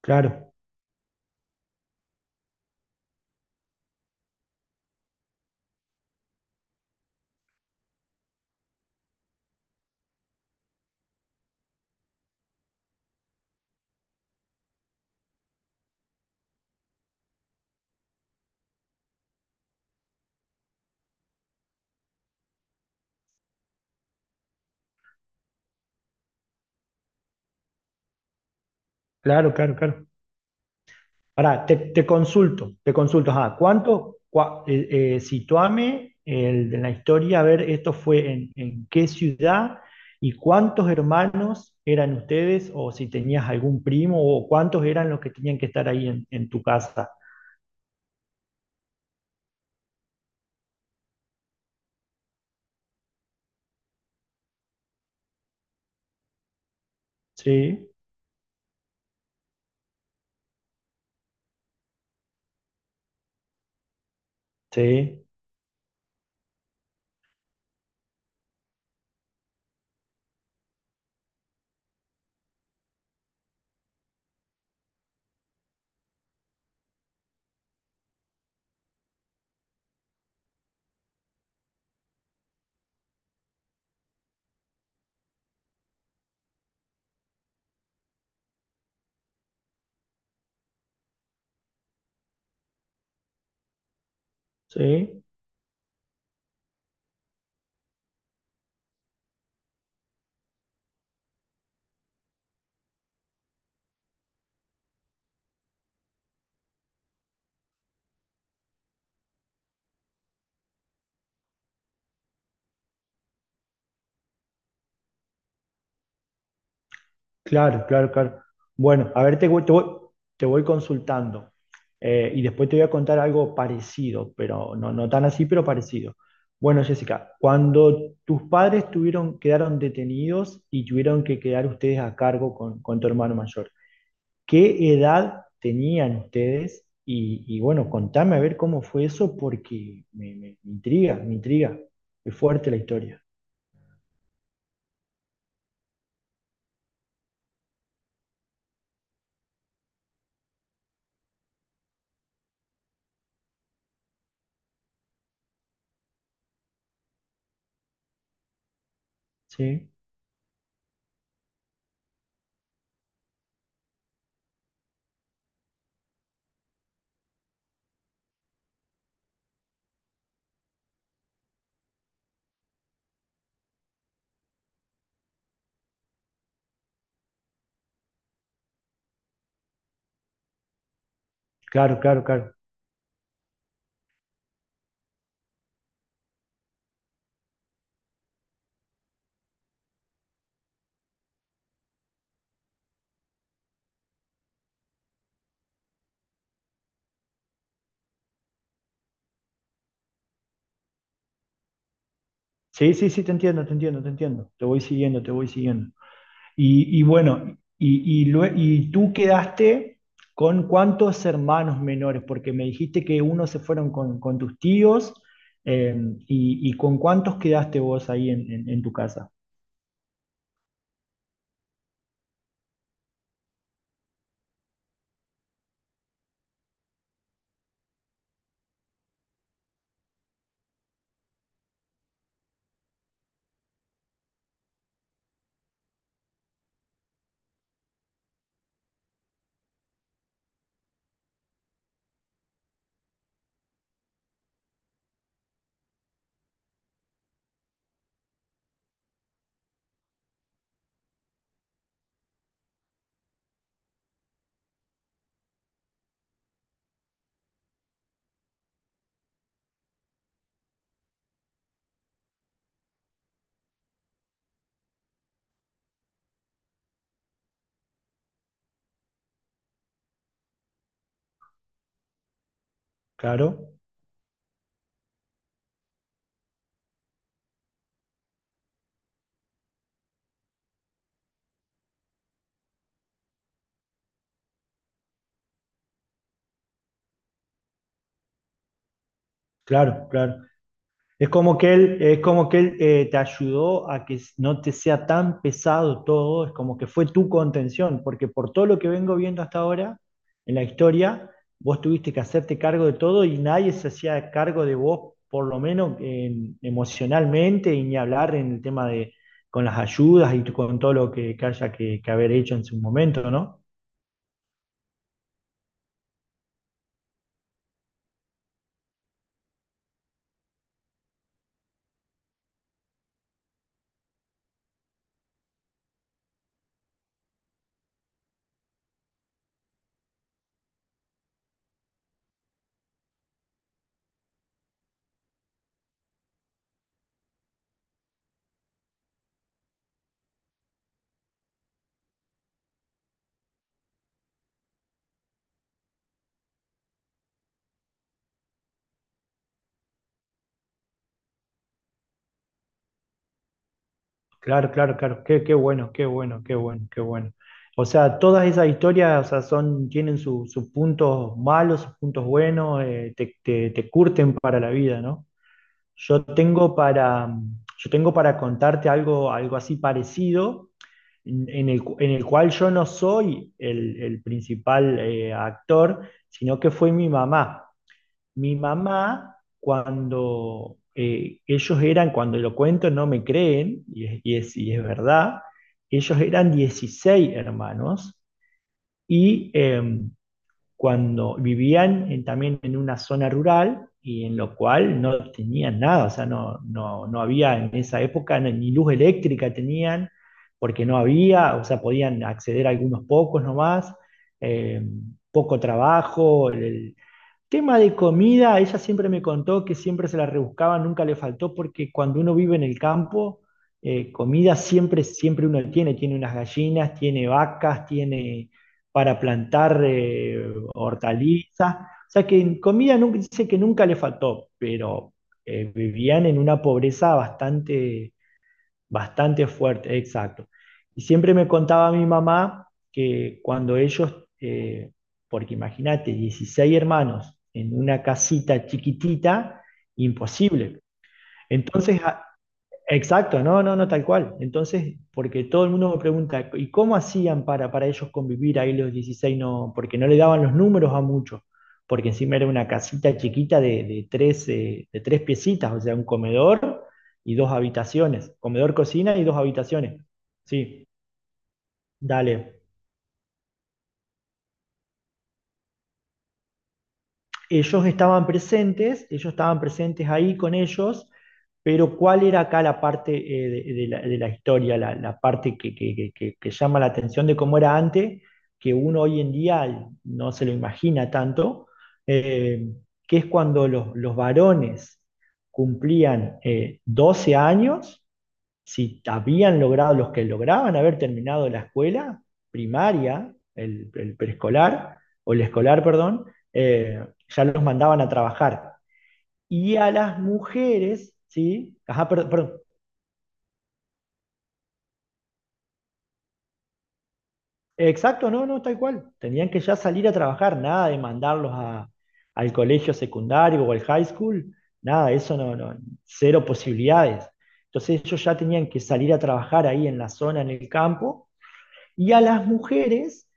Claro, claro, claro. Ahora, te consulto, ajá, ¿ situame el, de la historia, a ver, esto fue en, ¿en qué ciudad y cuántos hermanos eran ustedes? O si tenías algún primo o cuántos eran los que tenían que estar ahí en tu casa. Sí, sí, sí. Claro, claro, claro. Bueno, a ver, te voy consultando. Y después te voy a contar algo parecido, pero no, no tan así, pero parecido. Bueno, Jessica, cuando tus padres quedaron detenidos y tuvieron que quedar ustedes a cargo con tu hermano mayor, ¿qué edad tenían ustedes? Y bueno, contame a ver cómo fue eso porque me intriga, me intriga. Es fuerte la historia. Sí, claro, claro, claro. Sí, sí, sí, te entiendo, te entiendo, te entiendo. Te voy siguiendo, te voy siguiendo. Y tú quedaste con cuántos hermanos menores, porque me dijiste que unos se fueron con tus tíos, eh, y, ¿y con cuántos quedaste vos ahí en, en tu casa? Claro, claro, claro. Es como que él, es como que él te ayudó a que no te sea tan pesado todo, es como que fue tu contención, porque por todo lo que vengo viendo hasta ahora en la historia, vos tuviste que hacerte cargo de todo y nadie se hacía cargo de vos, por lo menos emocionalmente, y ni hablar en el tema de con las ayudas y con todo lo que, que haber hecho en su momento, ¿no? Claro, claro, claro. Qué, qué bueno, qué bueno, qué bueno, qué bueno. O sea, todas esas historias, o sea, son, tienen sus puntos malos, sus puntos buenos, te curten para la vida, ¿no? Yo tengo para, yo tengo para contarte algo, algo así parecido, en el, en el cual yo no soy el, principal actor, sino que fue mi mamá. Mi mamá, cuando ellos eran, cuando lo cuento no me creen, y es verdad, ellos eran 16 hermanos. y eh, Cuando vivían también en una zona rural y en lo cual no tenían nada, o sea, no había, en esa época ni luz eléctrica tenían, porque no había. O sea, podían acceder a algunos pocos nomás, eh, poco trabajo. Tema de comida, ella siempre me contó que siempre se la rebuscaba, nunca le faltó, porque cuando uno vive en el campo, comida siempre, siempre uno tiene, tiene unas gallinas, tiene vacas, tiene para plantar hortalizas, o sea que en comida nunca, dice que nunca le faltó. Pero vivían en una pobreza bastante bastante fuerte, exacto. Y siempre me contaba mi mamá que cuando ellos, eh, porque imagínate, 16 hermanos en una casita chiquitita, imposible. Entonces, a- Exacto, no, no, no, tal cual. Entonces, porque todo el mundo me pregunta, ¿y cómo hacían para ellos convivir ahí los dieciséis? No, porque no le daban los números a muchos, porque encima era una casita chiquita de tres piecitas, o sea, un comedor y dos habitaciones, comedor, cocina y dos habitaciones. Sí, dale. Ellos estaban presentes, ellos estaban presentes ahí con ellos, pero ¿cuál era acá la parte de la historia, la parte que, que llama la atención de cómo era antes, que uno hoy en día no se lo imagina tanto, eh, que es cuando los varones cumplían 12 años, si habían logrado, los que lograban haber terminado la escuela primaria, el preescolar, o el escolar, perdón, ya los mandaban a trabajar. Y a las mujeres, ¿sí? Ajá, perdón, perdón. Exacto, no, no, tal cual. Tenían que ya salir a trabajar, nada de al colegio secundario o al high school, nada, eso no, no, cero posibilidades. Entonces ellos ya tenían que salir a trabajar ahí en la zona, en el campo. Y a las mujeres,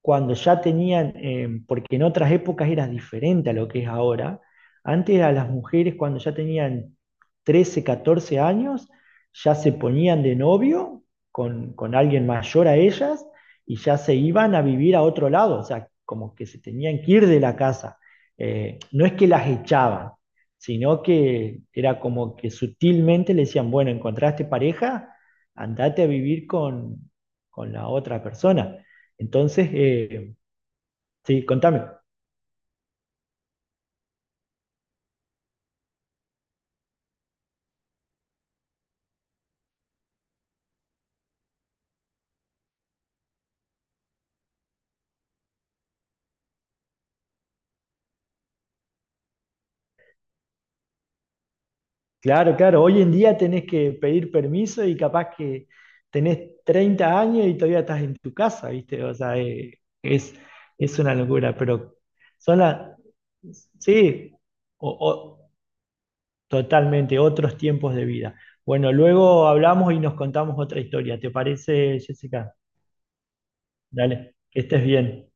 cuando ya tenían, porque en otras épocas era diferente a lo que es ahora, antes a las mujeres cuando ya tenían 13 o 14 años, ya se ponían de novio con alguien mayor a ellas y ya se iban a vivir a otro lado, o sea, como que se tenían que ir de la casa. No es que las echaban, sino que era como que sutilmente le decían, bueno, encontraste pareja, andate a vivir con la otra persona. Entonces, eh, sí, contame. Claro, claro, hoy en día tenés que pedir permiso y capaz que tenés 30 años y todavía estás en tu casa, ¿viste? Es una locura, pero son las... Sí, o- o- totalmente, otros tiempos de vida. Bueno, luego hablamos y nos contamos otra historia. ¿Te parece, Jessica? Dale, que estés bien.